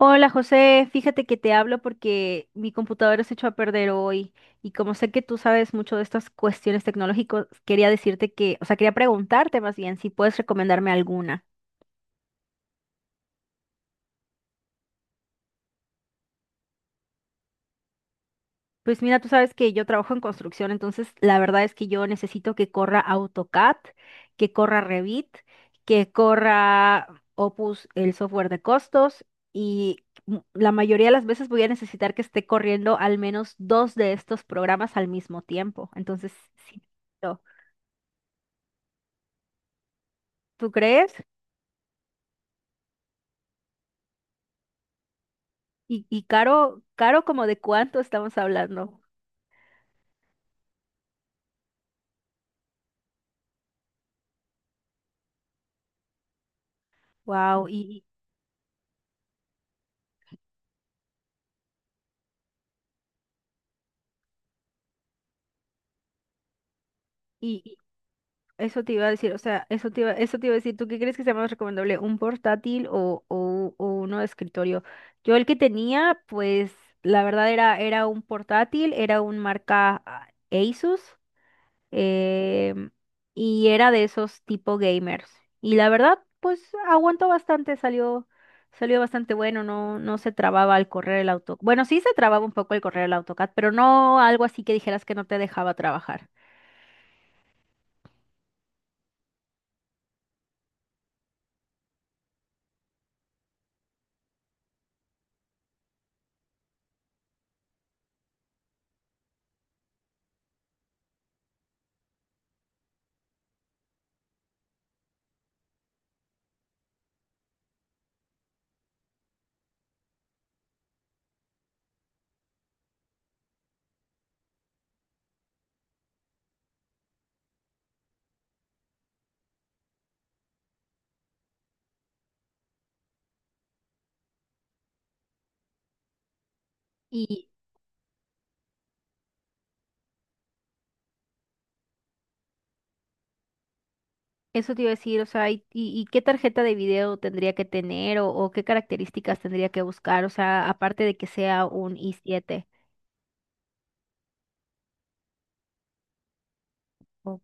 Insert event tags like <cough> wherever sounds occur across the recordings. Hola José, fíjate que te hablo porque mi computadora se echó a perder hoy y como sé que tú sabes mucho de estas cuestiones tecnológicas, quería decirte quería preguntarte más bien si puedes recomendarme alguna. Pues mira, tú sabes que yo trabajo en construcción, entonces la verdad es que yo necesito que corra AutoCAD, que corra Revit, que corra Opus, el software de costos, y la mayoría de las veces voy a necesitar que esté corriendo al menos dos de estos programas al mismo tiempo. Entonces, sí, no. ¿Tú crees? Y caro, caro, ¿como de cuánto estamos hablando? Wow. Y, Eso te iba a decir, o sea, eso te iba a decir, ¿tú qué crees que sea más recomendable? ¿Un portátil o uno de escritorio? Yo el que tenía, pues la verdad era un portátil, era un marca Asus em, y era de esos tipo gamers. Y la verdad, pues aguantó bastante, salió bastante bueno, no, no se trababa al correr el AutoCAD. Bueno, sí se trababa un poco al correr el AutoCAD, pero no algo así que dijeras que no te dejaba trabajar. Y Eso te iba a decir, o sea, ¿y, qué tarjeta de video tendría que tener o qué características tendría que buscar? O sea, aparte de que sea un i7. Oh.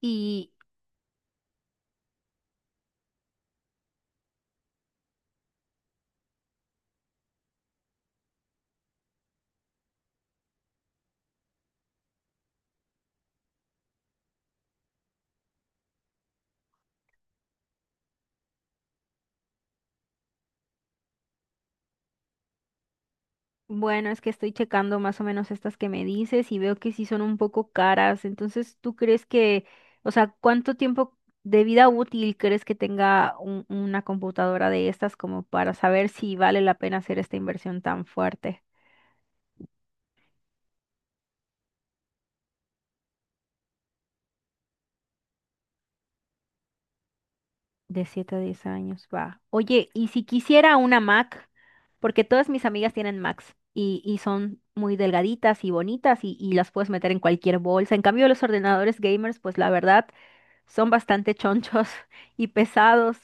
Y bueno, es que estoy checando más o menos estas que me dices y veo que sí son un poco caras. Entonces, ¿tú crees que, o sea, cuánto tiempo de vida útil crees que tenga una computadora de estas como para saber si vale la pena hacer esta inversión tan fuerte? De 7 a 10 años, va. Oye, ¿y si quisiera una Mac? Porque todas mis amigas tienen Macs y son muy delgaditas y bonitas y las puedes meter en cualquier bolsa. En cambio, los ordenadores gamers, pues la verdad, son bastante chonchos <laughs> y pesados.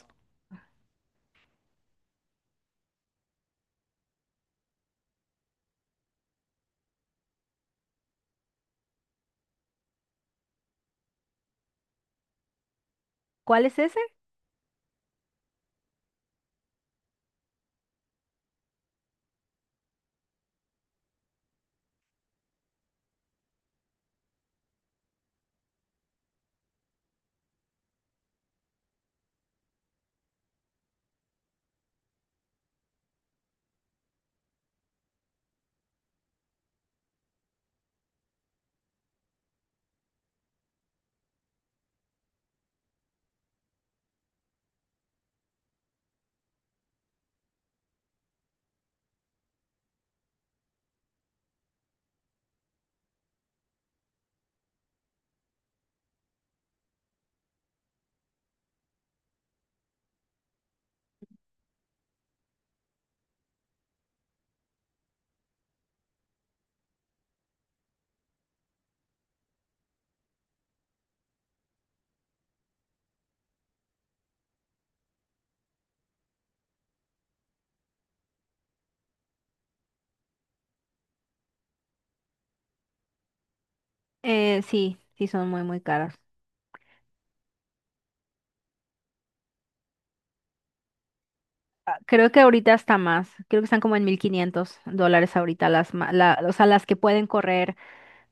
¿Cuál es ese? Sí, sí, son muy, muy caras. Ah, creo que ahorita está más. Creo que están como en $1,500 ahorita o sea, las que pueden correr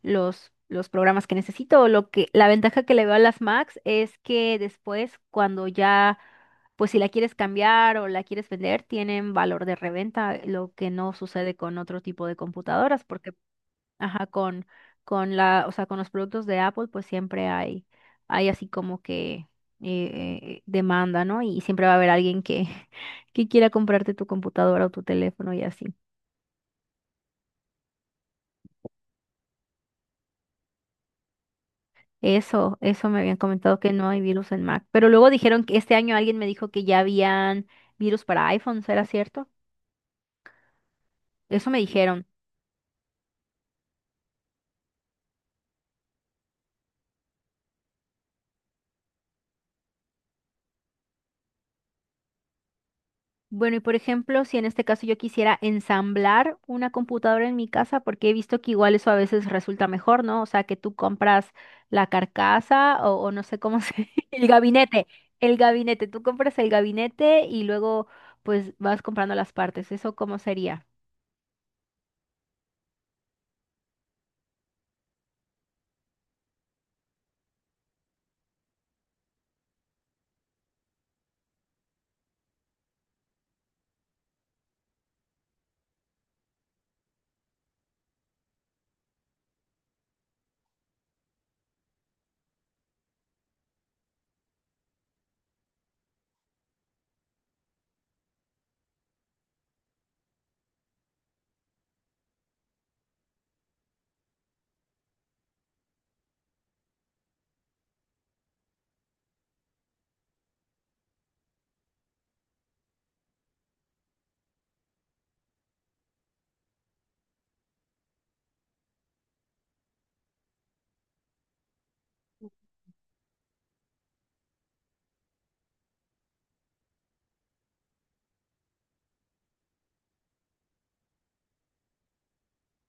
los programas que necesito. La ventaja que le veo a las Macs es que después, cuando ya, pues si la quieres cambiar o la quieres vender, tienen valor de reventa, lo que no sucede con otro tipo de computadoras. Porque ajá, con la, o sea, con los productos de Apple, pues siempre hay así como que demanda, ¿no? Y siempre va a haber alguien que <laughs> que quiera comprarte tu computadora o tu teléfono y así. Eso me habían comentado que no hay virus en Mac. Pero luego dijeron que este año alguien me dijo que ya habían virus para iPhone, ¿será cierto? Eso me dijeron. Bueno, y por ejemplo, si en este caso yo quisiera ensamblar una computadora en mi casa, porque he visto que igual eso a veces resulta mejor, ¿no? O sea, que tú compras la carcasa o no sé cómo se... <laughs> el gabinete, tú compras el gabinete y luego pues vas comprando las partes. ¿Eso cómo sería?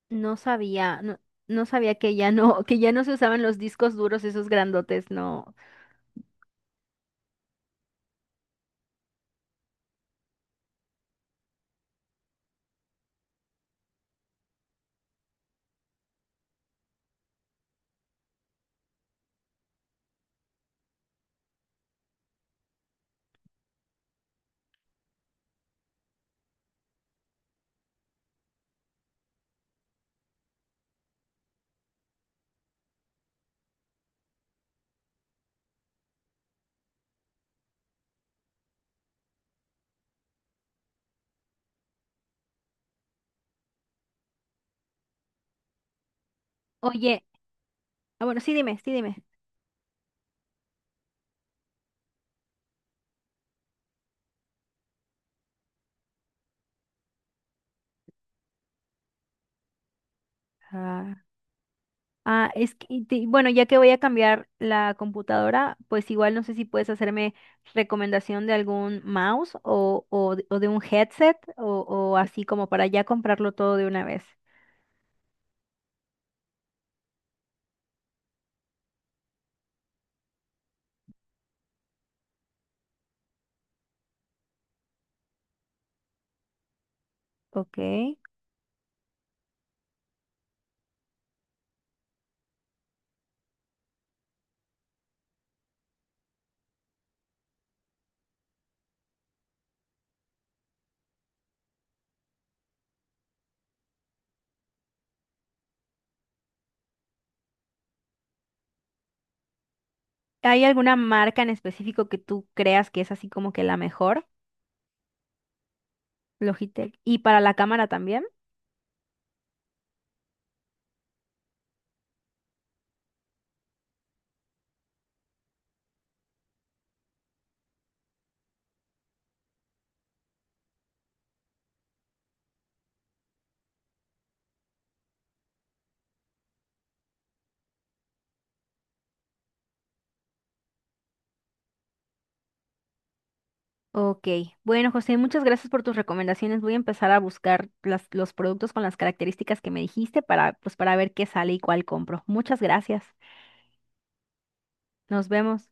No sabía, no sabía que ya no <laughs> que ya no se usaban los discos duros esos grandotes, no. Oye, ah, bueno, sí, dime, sí, dime. Ah, es que, y bueno, ya que voy a cambiar la computadora, pues igual no sé si puedes hacerme recomendación de algún mouse o de un headset o así como para ya comprarlo todo de una vez. Ok. ¿Hay alguna marca en específico que tú creas que es así como que la mejor? Logitech. ¿Y para la cámara también? Ok, bueno José, muchas gracias por tus recomendaciones. Voy a empezar a buscar los productos con las características que me dijiste para, pues, para ver qué sale y cuál compro. Muchas gracias. Nos vemos.